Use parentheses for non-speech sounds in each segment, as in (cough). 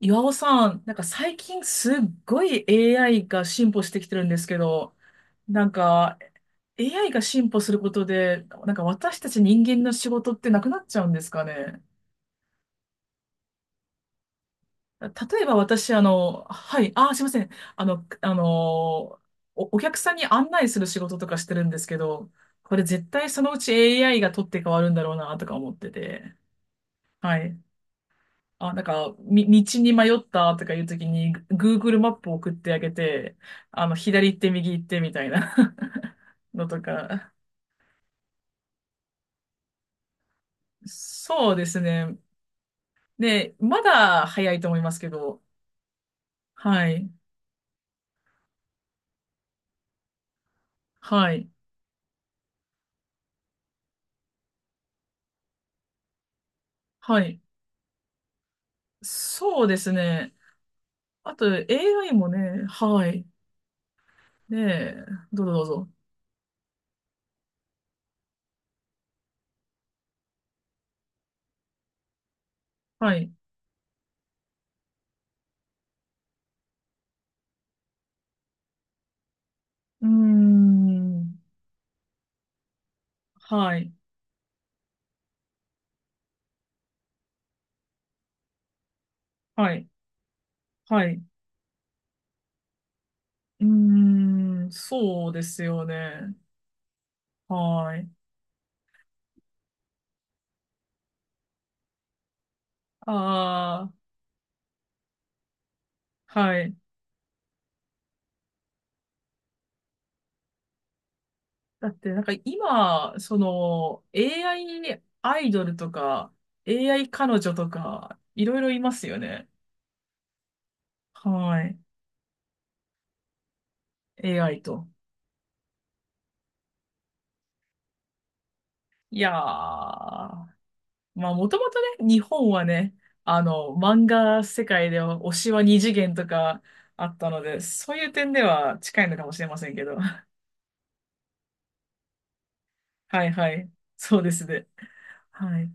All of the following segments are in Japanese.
岩尾さん、最近すっごい AI が進歩してきてるんですけど、なんか AI が進歩することで、私たち人間の仕事ってなくなっちゃうんですかね。例えば私、はい、すいません。あの、あのー、お、お客さんに案内する仕事とかしてるんですけど、これ絶対そのうち AI が取って変わるんだろうなとか思ってて。はい。道に迷ったとかいうときに、Google マップを送ってあげて、左行って右行ってみたいな (laughs) のとか。そうですね。で、まだ早いと思いますけど、はい、はい、はい。そうですね。あと、AI もね、はい。ねえ、どうぞどうぞ。はい。うーん、はい、はい、はい。うーん、そうですよね。はい。ああ。はい。だって、今、AI アイアイドルとか、AI 彼女とか、いろいろいますよね。はい。AI と。いやー、まもともとね、日本はね、漫画世界では推しは二次元とかあったので、そういう点では近いのかもしれませんけど。(laughs) はいはい。そうですね。はい。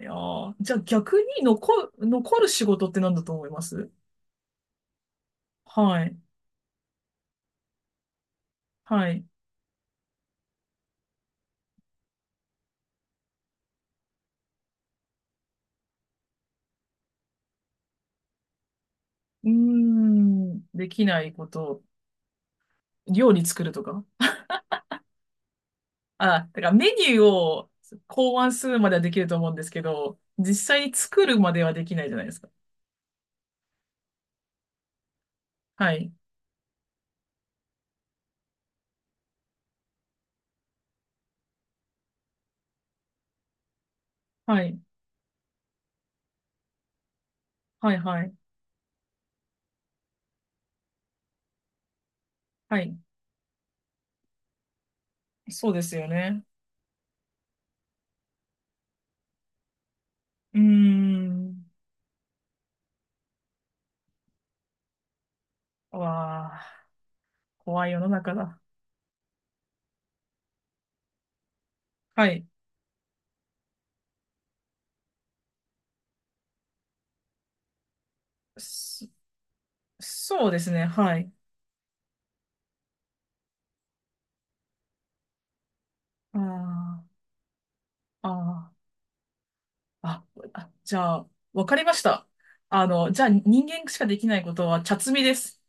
いやー、じゃあ逆に残る仕事って何だと思います？はい。はい。うーん、できないこと、料理作るとか。あ、だからメニューを考案するまではできると思うんですけど、実際に作るまではできないじゃないですか。はい。はい。はい、はい。はい。そうですよね。うーん。わあ、怖い世の中だ。はい。そ、そうですね。はい。ああ、ああ、あ、じゃあ、わかりました。あの、じゃあ人間しかできないことは茶摘みです。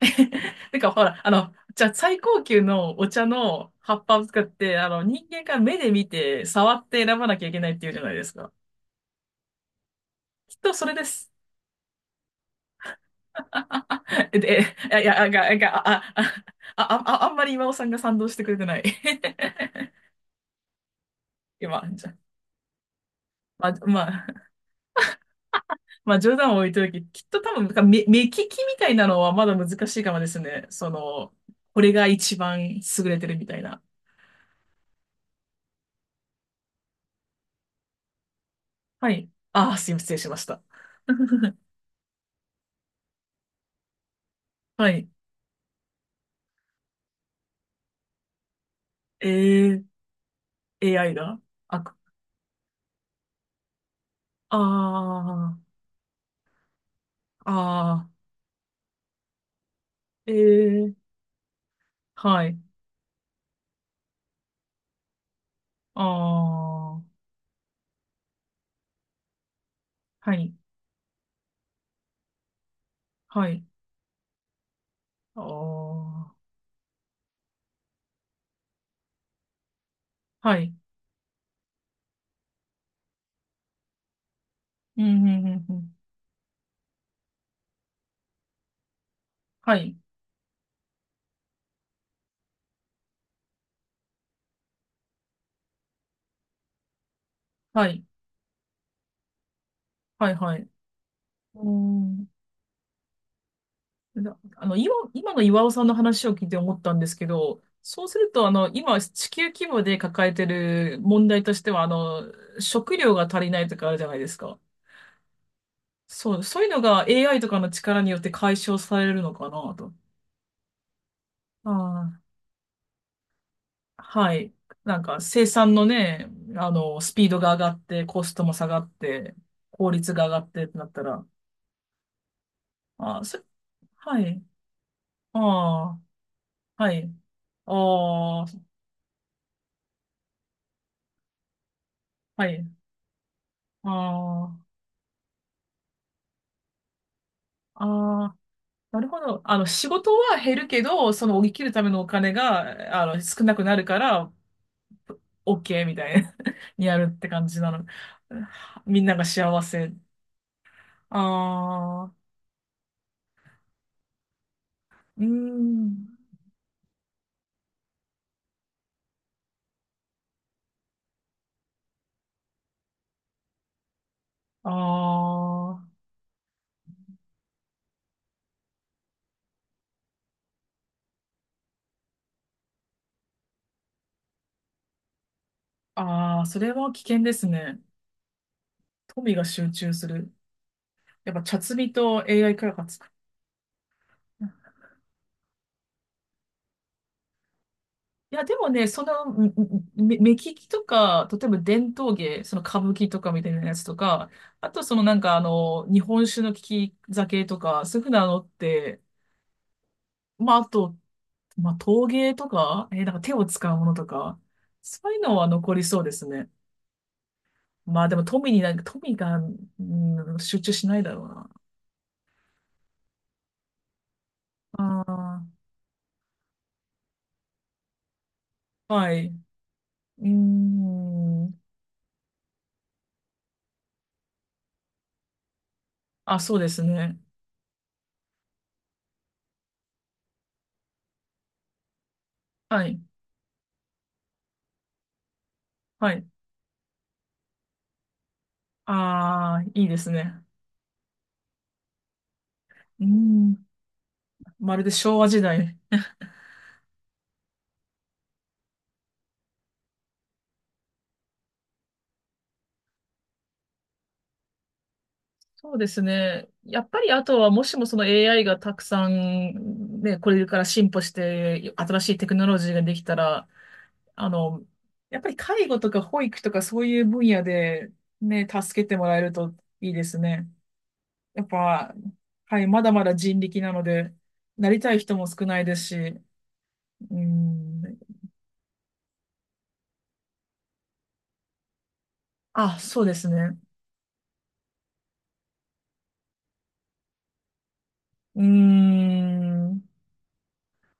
(laughs) てか、ほら、あの、じゃあ最高級のお茶の葉っぱを使って、あの、人間が目で見て、触って選ばなきゃいけないっていうじゃないですか。きっとそれです。(laughs) え、で、えいや、あ、が、が、あ、あ、あ、あ、あんまり今尾さんが賛同してくれてない。(laughs) 今、じゃ、まあ、まあ、まあ、冗談を置いといて、きっと多分、目利きみたいなのはまだ難しいかもですね。その、これが一番優れてるみたいな。はい。ああ、すいません、失礼しました。(laughs) はい。えー AI があく、ああ、ああ、ええ、はい、ああ、はい、はい、ああ、はい、うん、うん、うん、うん、はい、はい、はい、はい。うん、なあの、今、今の岩尾さんの話を聞いて思ったんですけど、そうすると、あの、今、地球規模で抱えてる問題としては、あの、食料が足りないとかあるじゃないですか。そう、そういうのが AI とかの力によって解消されるのかなと。ああ、はい。なんか生産のね、あの、スピードが上がって、コストも下がって、効率が上がってってなったら、あー、そ、はい。ああ、はい。ああ、はい。ああ、ああ、なるほど。あの、仕事は減るけど、その、生きるためのお金が、あの、少なくなるから、OK みたいな (laughs) にやるって感じなの。みんなが幸せ。ああ、うーん。ああ。ああ、それは危険ですね。富が集中する。やっぱ、茶摘みと AI 開発か。いや、でもね、目利きとか、例えば伝統芸、その歌舞伎とかみたいなやつとか、あとそのなんかあの、日本酒の利き酒とか、そういうふうなのって、まあ、あと、まあ、陶芸とか、なんか手を使うものとか、そういうのは残りそうですね。まあでも富になんか、富が、うん、集中しないだろうな。ああ、はい。うーん。あ、そうですね。はい。はい。ああ、いいですね。うーん。まるで昭和時代。そうですね。やっぱりあとは、もしもその AI がたくさん、ね、これから進歩して、新しいテクノロジーができたら、あの、やっぱり介護とか保育とかそういう分野で、ね、助けてもらえるといいですね。やっぱ、はい、まだまだ人力なので、なりたい人も少ないですし、うん、あ、そうですね。うーん。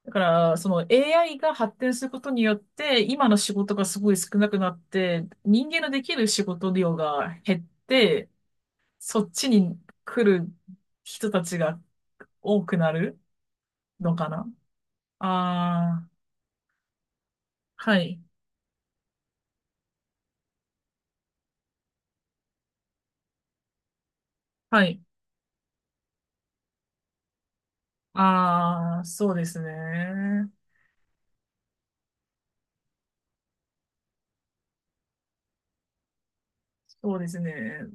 だから、その AI が発展することによって、今の仕事がすごい少なくなって、人間のできる仕事量が減って、そっちに来る人たちが多くなるのかな。ああ、はい、はい。ああ、そうですね。そうですね。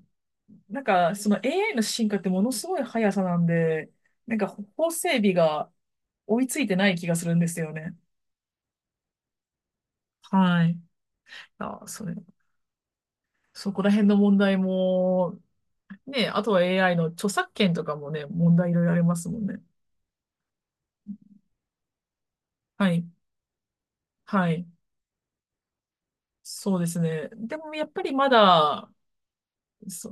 なんか、その AI の進化ってものすごい速さなんで、なんか法整備が追いついてない気がするんですよね。はい。あ、それ、そこら辺の問題も、ね、あとは AI の著作権とかもね、問題いろいろありますもんね。はい。はい。そうですね。でもやっぱりまだ、そ、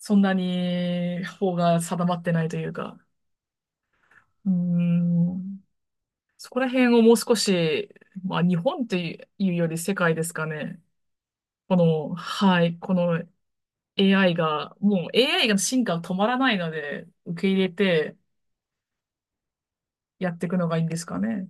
そんなに法が定まってないというか、うーん、そこら辺をもう少し、まあ日本というより世界ですかね。この、はい、この AI が、もう AI が進化は止まらないので、受け入れてやっていくのがいいんですかね。